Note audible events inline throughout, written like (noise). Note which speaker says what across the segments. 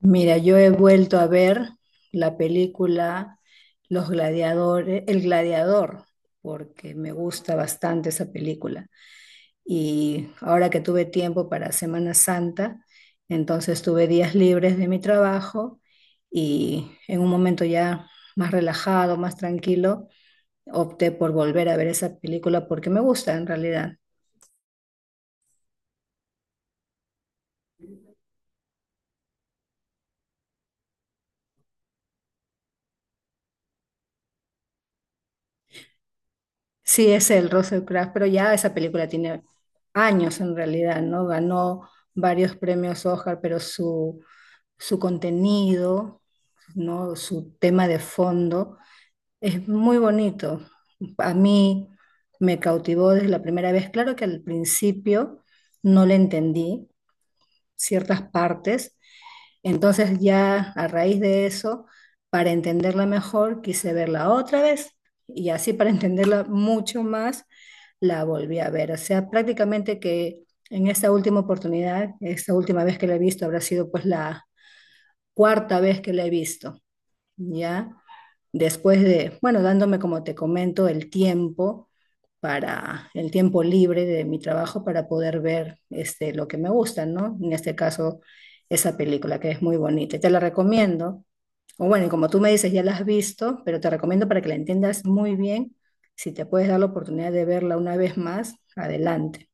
Speaker 1: Mira, yo he vuelto a ver la película Los Gladiadores, El Gladiador, porque me gusta bastante esa película. Y ahora que tuve tiempo para Semana Santa, entonces tuve días libres de mi trabajo y en un momento ya más relajado, más tranquilo, opté por volver a ver esa película porque me gusta en realidad. Sí, es el Russell Crowe, pero ya esa película tiene años en realidad, ¿no? Ganó varios premios Oscar, pero su contenido, ¿no? Su tema de fondo es muy bonito. A mí me cautivó desde la primera vez. Claro que al principio no le entendí, ciertas partes. Entonces ya a raíz de eso, para entenderla mejor, quise verla otra vez y así para (laughs) entenderla mucho más, la volví a ver. O sea, prácticamente que en esta última oportunidad, esta última vez que la he visto, habrá sido pues la cuarta vez que la he visto, ¿ya? Después de, bueno, dándome, como te comento, el tiempo para el tiempo libre de mi trabajo para poder ver este, lo que me gusta, ¿no? En este caso, esa película que es muy bonita. Y te la recomiendo. O bueno, y como tú me dices, ya la has visto, pero te recomiendo para que la entiendas muy bien. Si te puedes dar la oportunidad de verla una vez más, adelante.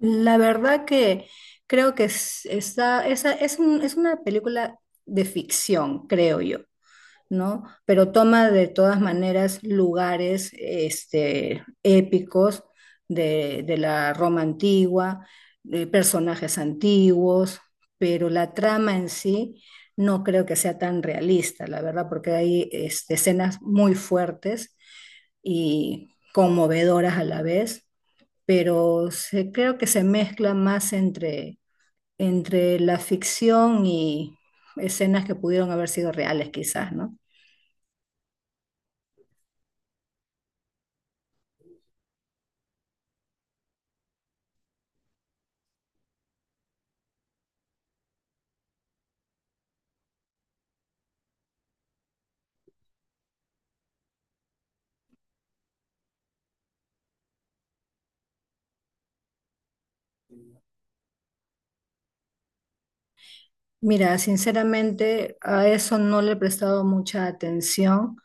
Speaker 1: La verdad que creo que es, es es una película de ficción, creo yo. ¿No? Pero toma de todas maneras lugares este, épicos de la Roma antigua, de personajes antiguos, pero la trama en sí no creo que sea tan realista, la verdad, porque hay este, escenas muy fuertes y conmovedoras a la vez, pero creo que se mezcla más entre, entre la ficción y escenas que pudieron haber sido reales quizás, ¿no? Mira, sinceramente a eso no le he prestado mucha atención,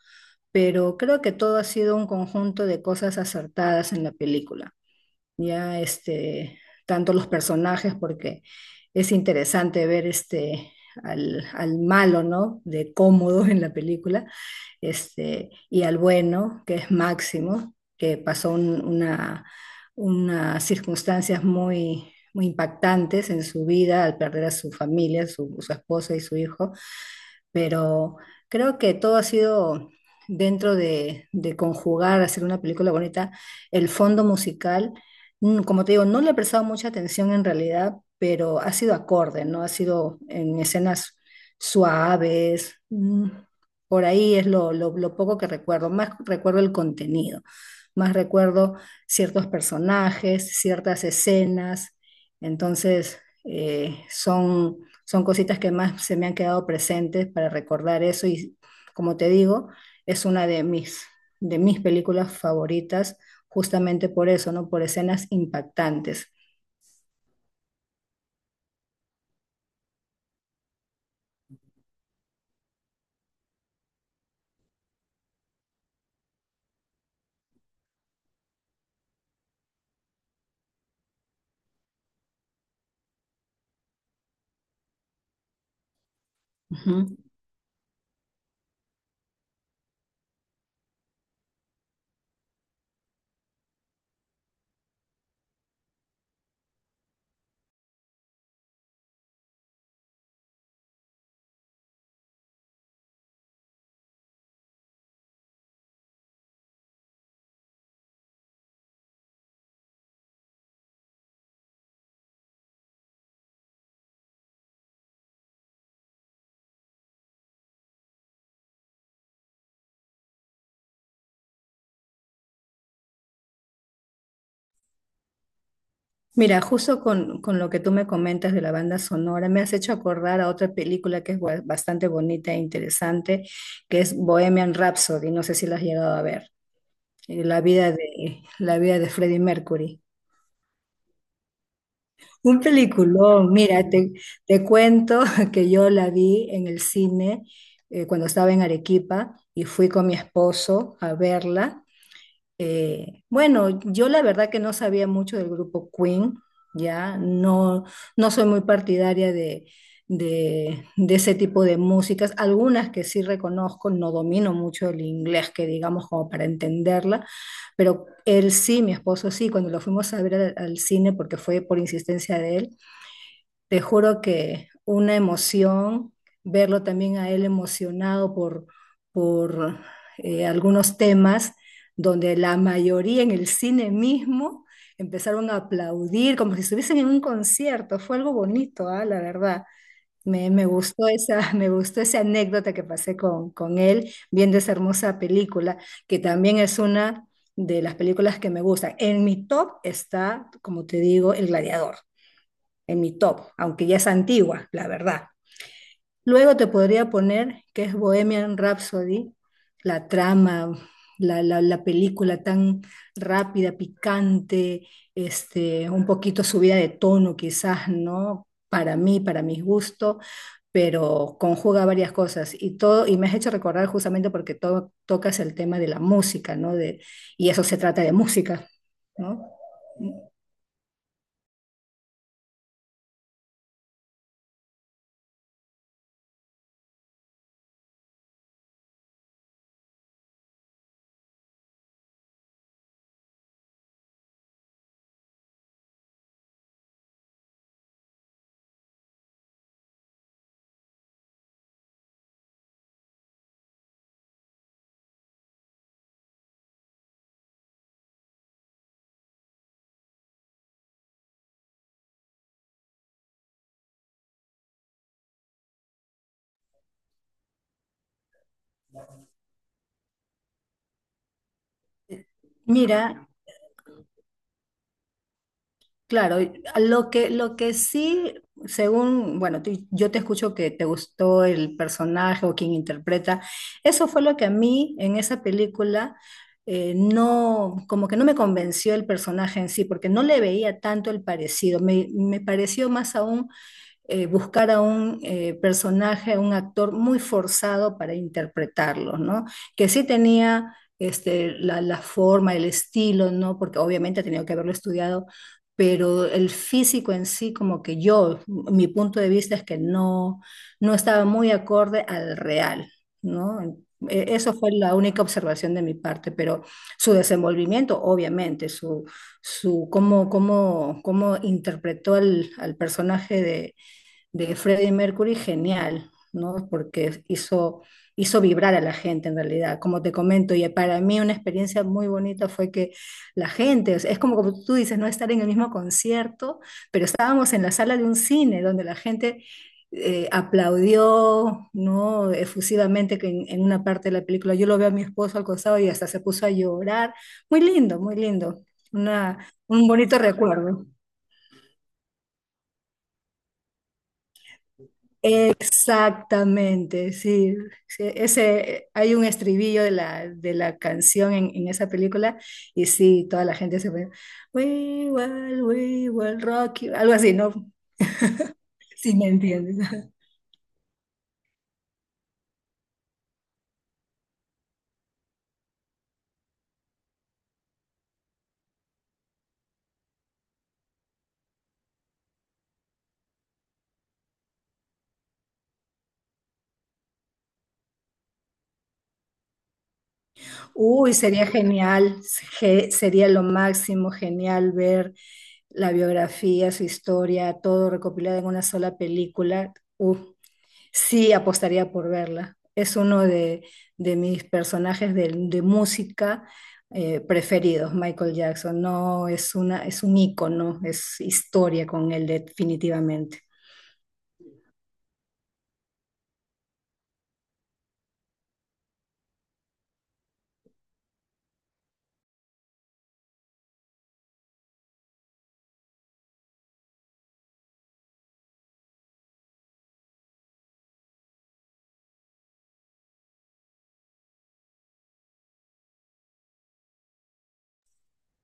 Speaker 1: pero creo que todo ha sido un conjunto de cosas acertadas en la película. Ya este, tanto los personajes, porque es interesante ver este al malo, ¿no? De cómodo en la película, este, y al bueno, que es Máximo, que pasó unas circunstancias muy, muy impactantes en su vida al perder a su familia, su esposa y su hijo, pero creo que todo ha sido dentro de conjugar, hacer una película bonita, el fondo musical, como te digo, no le he prestado mucha atención en realidad, pero ha sido acorde, ¿no? Ha sido en escenas suaves, por ahí es lo poco que recuerdo, más recuerdo el contenido, más recuerdo ciertos personajes, ciertas escenas, entonces eh, son son cositas que más se me han quedado presentes para recordar eso y como te digo, es una de mis películas favoritas justamente por eso, ¿no? Por escenas impactantes. Ujú. Mira, justo con lo que tú me comentas de la banda sonora, me has hecho acordar a otra película que es bastante bonita e interesante, que es Bohemian Rhapsody, no sé si la has llegado a ver. La vida de, la vida de Freddie Mercury. Un peliculón, mira, te cuento (laughs) que yo la vi en el cine cuando estaba en Arequipa y fui con mi esposo a verla. Bueno, yo la verdad que no sabía mucho del grupo Queen, ya no, no soy muy partidaria de ese tipo de músicas, algunas que sí reconozco, no domino mucho el inglés, que digamos como para entenderla, pero él sí, mi esposo sí, cuando lo fuimos a ver al cine, porque fue por insistencia de él, te juro que una emoción, verlo también a él emocionado por algunos temas donde la mayoría en el cine mismo empezaron a aplaudir como si estuviesen en un concierto. Fue algo bonito, ah, la verdad. Me gustó esa, (laughs) me gustó esa anécdota que pasé con él viendo esa hermosa película, que también es una de las películas que me gustan. En mi top está, como te digo, El Gladiador en mi top, aunque ya es antigua, la verdad. Luego te podría poner que es Bohemian Rhapsody, la trama, la película tan rápida, picante, este, un poquito subida de tono quizás, ¿no? Para mí, para mis gustos, pero conjuga varias cosas y todo, y me has hecho recordar justamente porque tocas el tema de la música, ¿no? De, y eso se trata de música, ¿no? Mira, claro, y lo que sí, según, bueno, yo te escucho que te gustó el personaje o quien interpreta, eso fue lo que a mí en esa película no, como que no me convenció el personaje en sí, porque no le veía tanto el parecido, me pareció más aún buscar a un personaje, a un actor muy forzado para interpretarlo, ¿no? Que sí tenía este, la forma, el estilo, ¿no? Porque obviamente ha tenido que haberlo estudiado, pero el físico en sí, como que yo, mi punto de vista es que no, no estaba muy acorde al real, ¿no? Eso fue la única observación de mi parte, pero su desenvolvimiento, obviamente, su cómo interpretó al personaje de Freddie Mercury, genial, ¿no? Porque hizo, hizo vibrar a la gente en realidad, como te comento, y para mí una experiencia muy bonita fue que la gente, o sea, es como, como tú dices, no estar en el mismo concierto, pero estábamos en la sala de un cine donde la gente aplaudió, ¿no? Efusivamente que en una parte de la película. Yo lo veo a mi esposo al costado y hasta se puso a llorar. Muy lindo, muy lindo. Una, un bonito recuerdo. Exactamente, sí. Sí, ese, hay un estribillo de la canción en esa película y sí, toda la gente se pone, "We will, we will rock you", algo así, ¿no? Si me entiendes. (laughs) Uy, sería genial, sería lo máximo, genial ver la biografía, su historia, todo recopilado en una sola película. Uf, sí, apostaría por verla. Es uno de mis personajes de música preferidos, Michael Jackson. No, es una, es un ícono, es historia con él definitivamente.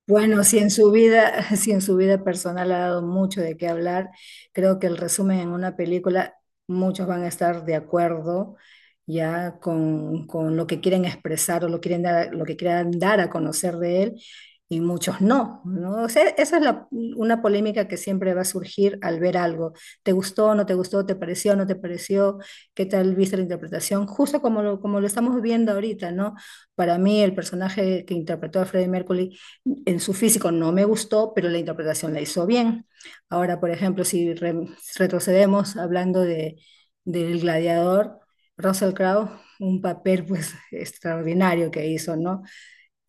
Speaker 1: Bueno, si en su vida, (laughs) si en su vida personal ha dado mucho de qué hablar, creo que el resumen en una película, muchos van a estar de acuerdo ya con lo que quieren expresar o lo, quieren dar, lo que quieran dar a conocer de él y muchos no, ¿no? O sea, esa es una polémica que siempre va a surgir al ver algo. ¿Te gustó, no te gustó, te pareció, no te pareció? ¿Qué tal viste la interpretación? Justo como lo estamos viendo ahorita, ¿no? Para mí el personaje que interpretó a Freddie Mercury en su físico no me gustó, pero la interpretación la hizo bien. Ahora, por ejemplo, si retrocedemos hablando de, del gladiador, Russell Crowe, un papel pues (laughs) extraordinario que hizo, ¿no?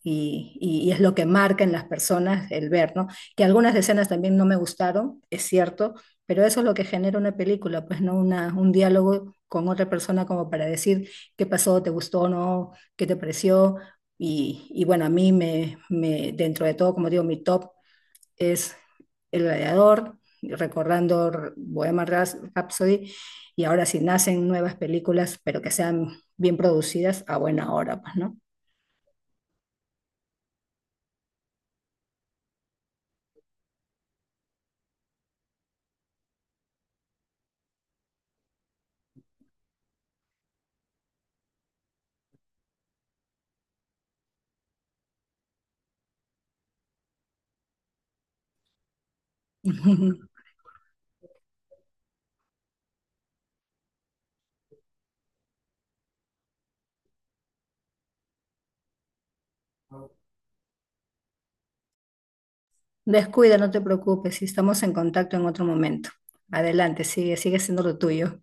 Speaker 1: Y, y es lo que marca en las personas el ver, ¿no? Que algunas escenas también no me gustaron, es cierto, pero eso es lo que genera una película, pues no una, un diálogo con otra persona como para decir qué pasó, te gustó o no, qué te pareció. Y bueno, a mí dentro de todo, como digo, mi top es El Gladiador, recordando Bohemian Rhapsody, y ahora si nacen nuevas películas, pero que sean bien producidas, a buena hora, pues, ¿no? (laughs) Descuida, no te preocupes, si estamos en contacto en otro momento. Adelante, sigue, sigue siendo lo tuyo.